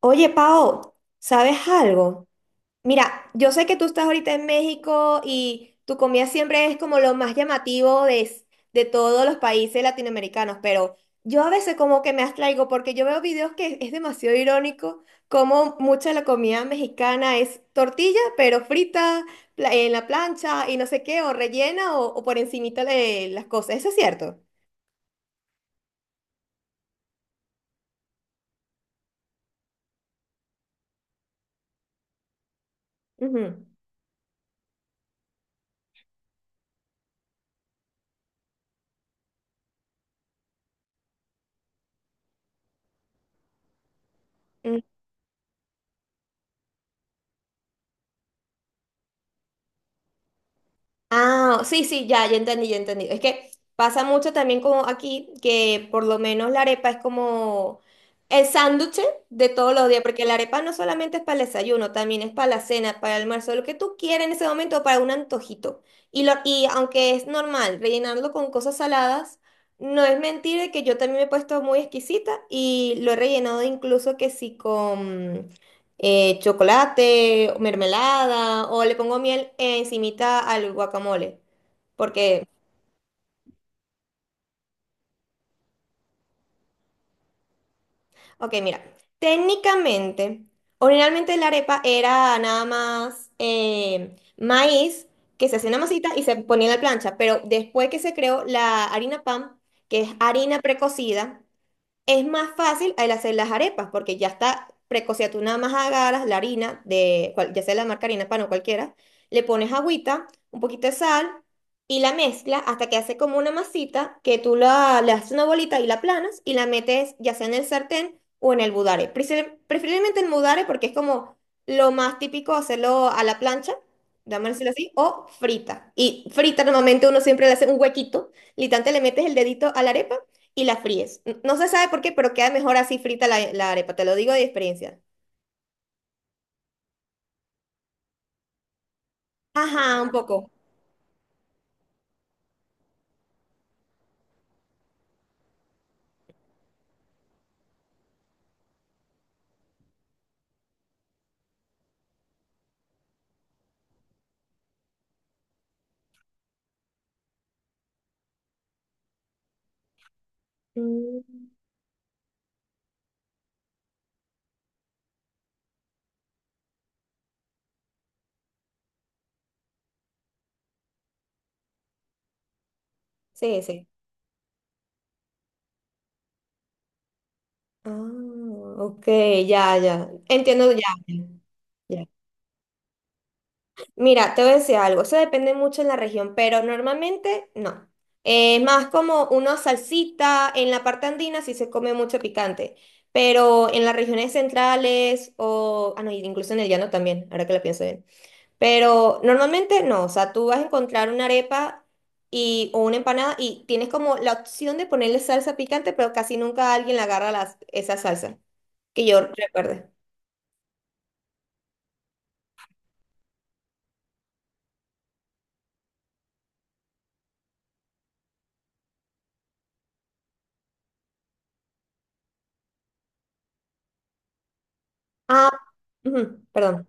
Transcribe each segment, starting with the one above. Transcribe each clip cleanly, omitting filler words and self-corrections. Oye, Pao, ¿sabes algo? Mira, yo sé que tú estás ahorita en México y tu comida siempre es como lo más llamativo de todos los países latinoamericanos, pero yo a veces como que me abstraigo porque yo veo videos que es demasiado irónico, como mucha de la comida mexicana es tortilla, pero frita, en la plancha y no sé qué, o rellena o por encimita de las cosas. ¿Eso es cierto? Ujú. Ah, sí, sí, ya, ya entendí, ya entendí. Es que pasa mucho también como aquí, que por lo menos la arepa es como el sándwich de todos los días, porque la arepa no solamente es para el desayuno, también es para la cena, para el almuerzo, lo que tú quieras en ese momento, para un antojito. Y aunque es normal rellenarlo con cosas saladas, no es mentira que yo también me he puesto muy exquisita y lo he rellenado incluso que sí chocolate, mermelada o le pongo miel encimita al guacamole. Porque, ok, mira, técnicamente, originalmente la arepa era nada más maíz, que se hacía una masita y se ponía en la plancha, pero después que se creó la harina pan, que es harina precocida, es más fácil el hacer las arepas porque ya está precocida. Tú nada más agarras la harina de, ya sea la marca harina pan o cualquiera, le pones agüita, un poquito de sal y la mezcla hasta que hace como una masita que le haces una bolita y la planas y la metes ya sea en el sartén o en el budare. Preferiblemente en budare porque es como lo más típico hacerlo a la plancha, vamos a decirlo así, o frita. Y frita normalmente uno siempre le hace un huequito, literalmente le metes el dedito a la arepa y la fríes. No se sabe por qué, pero queda mejor así frita la arepa, te lo digo de experiencia. Ajá, un poco. Mm. Sí, sí. Ah, ok, ya, ya. Entiendo, ya. Ya. Mira, te voy a decir algo, eso depende mucho en la región, pero normalmente no. Es más como una salsita; en la parte andina sí se come mucho picante, pero en las regiones centrales o no, incluso en el llano también, ahora que lo pienso bien. Pero normalmente no, o sea, tú vas a encontrar una arepa o una empanada y tienes como la opción de ponerle salsa picante, pero casi nunca alguien le agarra esa salsa, que yo recuerde. Ah, ujú, perdón.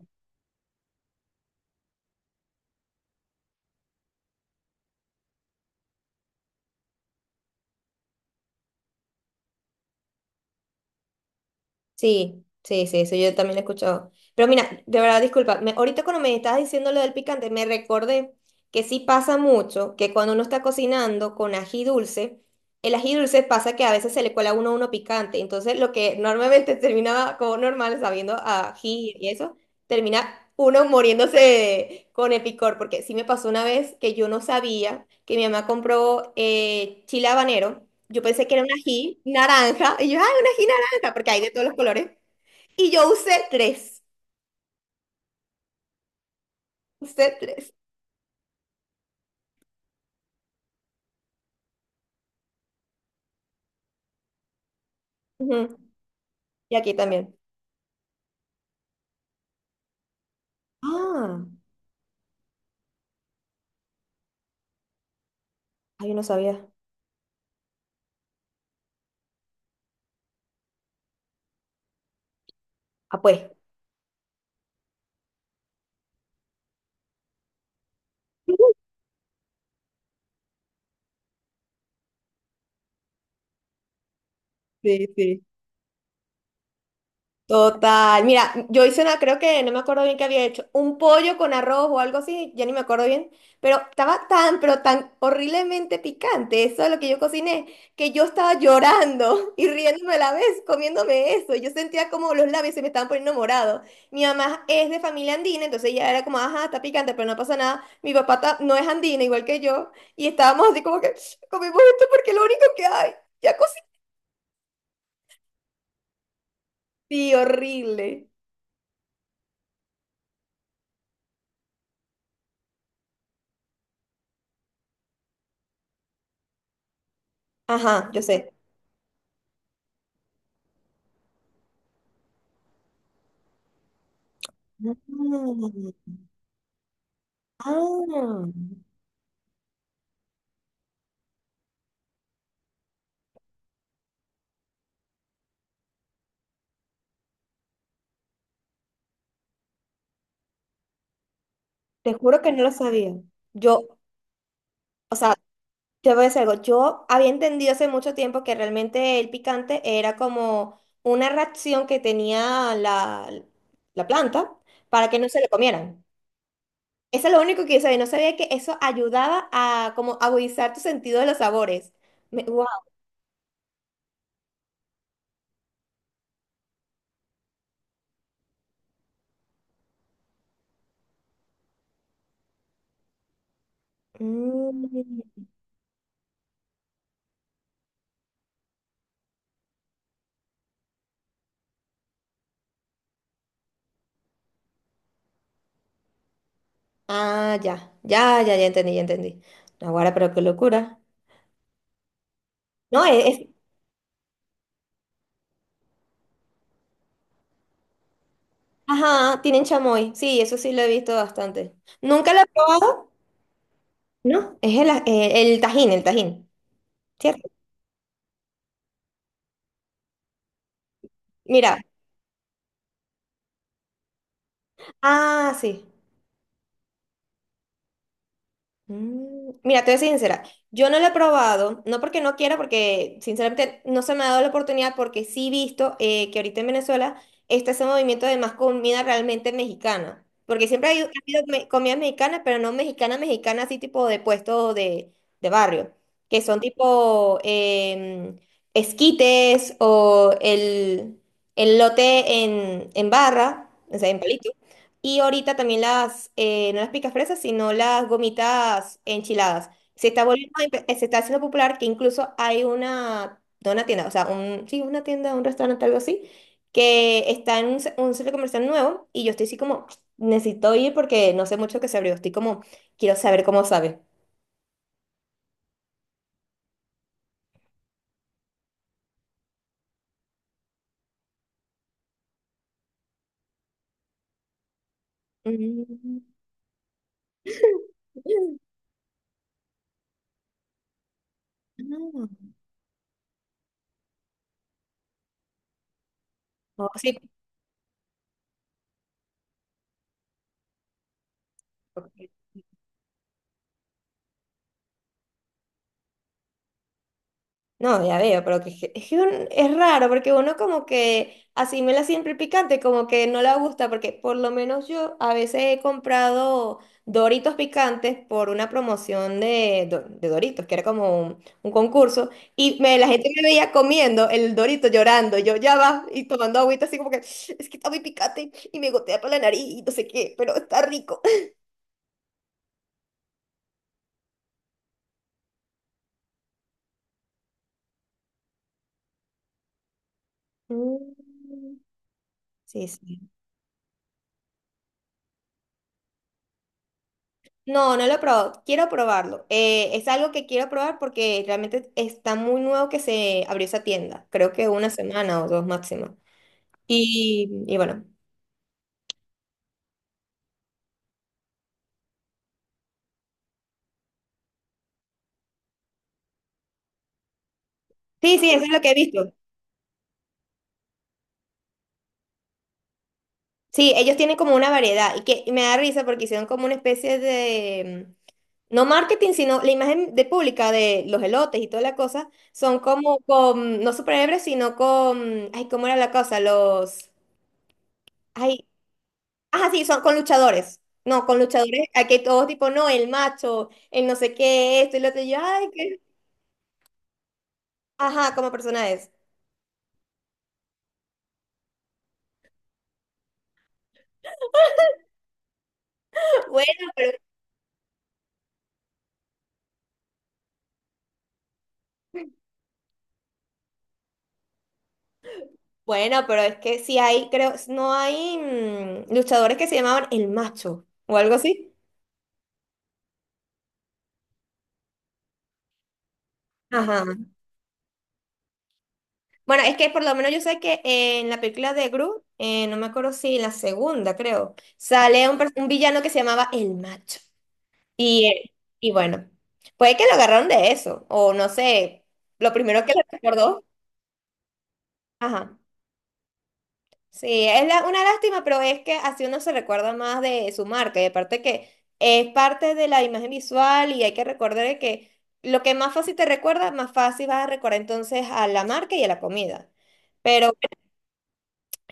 Sí, sí, sí, eso yo también lo he escuchado. Pero mira, de verdad, disculpa, ahorita cuando me estabas diciendo lo del picante, me recordé que sí pasa mucho que cuando uno está cocinando con ají dulce, el ají dulce pasa que a veces se le cuela uno picante. Entonces, lo que normalmente terminaba como normal, sabiendo a ají y eso, termina uno muriéndose con el picor. Porque sí me pasó una vez que yo no sabía que mi mamá compró chile habanero. Yo pensé que era un ají naranja. Y yo, ¡ay, un ají naranja! Acá porque hay de todos los colores. Y yo usé tres. Usé tres. Ujú. Y aquí también. Ah, ay, yo no sabía. Ah, pues. Sí, sí. Total. Mira, yo hice una, creo que no me acuerdo bien qué había hecho, un pollo con arroz o algo así, ya ni me acuerdo bien, pero estaba tan, pero tan horriblemente picante, eso es lo que yo cociné, que yo estaba llorando y riéndome a la vez, comiéndome eso. Y Yo sentía como los labios se me estaban poniendo morados. Mi mamá es de familia andina, entonces ella era como, ajá, está picante, pero no pasa nada. Mi papá no es andina, igual que yo, y estábamos así como que comimos esto porque es lo único que hay. Ya cociné. Sí, horrible. Ajá, yo sé. Mm, ah, te juro que no lo sabía. Yo, o sea, te voy a decir algo. Yo había entendido hace mucho tiempo que realmente el picante era como una reacción que tenía la planta para que no se lo comieran. Eso es lo único que yo sabía. No sabía que eso ayudaba a como agudizar tu sentido de los sabores. Wow. Mm. Ah, ya, ya, ya, ya entendí, ya entendí. Ahora, pero qué locura. No, es- Ajá, tienen chamoy. Sí, eso sí lo he visto bastante. ¿Nunca lo he probado? No, es el tajín, ¿cierto? Mira, ah, sí. Mm, mira, te voy a ser sincera, yo no lo he probado, no porque no quiera, porque sinceramente no se me ha dado la oportunidad, porque sí he visto que ahorita en Venezuela está ese movimiento de más comida realmente mexicana, porque siempre hay, ha habido comidas mexicanas, pero no mexicana, mexicana, así tipo de puesto de barrio, que son tipo esquites o el lote en barra, o sea, en palito. Y ahorita también las, no las picafresas, sino las gomitas enchiladas. Se está volviendo, se está haciendo popular, que incluso hay una, no una tienda, o sea, un, sí, una tienda, un restaurante, algo así, que está en un, un centro comercial nuevo y yo estoy así como, necesito ir porque no sé mucho que se abrió, estoy como, quiero saber cómo sabe. Mm. Ah, oh, sí. No, ya veo, pero que, es que es raro porque uno como que asimila siempre el picante, como que no le gusta, porque por lo menos yo a veces he comprado Doritos picantes por una promoción de Doritos, que era como un concurso, y me, la gente me veía comiendo el Dorito llorando, yo ya va, y tomando agüita así como que es que está muy picante y me gotea por la nariz y no sé qué, pero está rico. Mm. Sí, sí. No, no lo he probado. Quiero probarlo. Es algo que quiero probar porque realmente está muy nuevo que se abrió esa tienda. Creo que una semana o dos máximo. Y bueno. Sí, sí, eso es lo que he visto. Sí, ellos tienen como una variedad y que y me da risa porque hicieron como una especie de, no marketing, sino la imagen de pública de los elotes y toda la cosa, son como con, no superhéroes, sino con, ay, ¿cómo era la cosa? Los, ay, ajá, sí, son con luchadores. No, con luchadores. Aquí todos tipo, no, el macho, el no sé qué, esto y lo otro. Y yo, ay, qué. Ajá, como persona es. Bueno, pero, bueno, pero es que sí hay, creo, no hay luchadores que se llamaban el macho o algo así. Ajá. Bueno, es que por lo menos yo sé que en la película de Gru, no me acuerdo si en la segunda, creo, sale un, un villano que se llamaba el macho. Y, eh, y bueno, puede que lo agarraron de eso, o no sé, lo primero que le recordó. Ajá. Sí, es una lástima, pero es que así uno se recuerda más de su marca y aparte que es parte de la imagen visual y hay que recordar de que lo que más fácil te recuerda, más fácil vas a recordar entonces a la marca y a la comida. Pero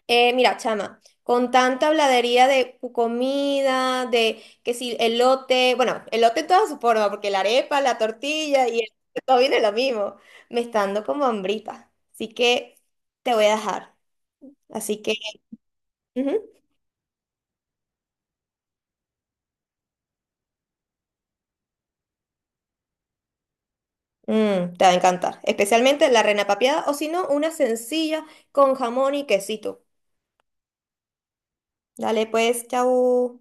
mira, chama, con tanta habladería de comida, de que si elote, bueno, elote en todas sus formas, porque la arepa, la tortilla y el, todo viene lo mismo, me está dando como hambrita. Así que te voy a dejar. Así que... ujú. Mm, te va a encantar. Especialmente la reina papeada o si no, una sencilla con jamón y quesito. Dale pues, chao.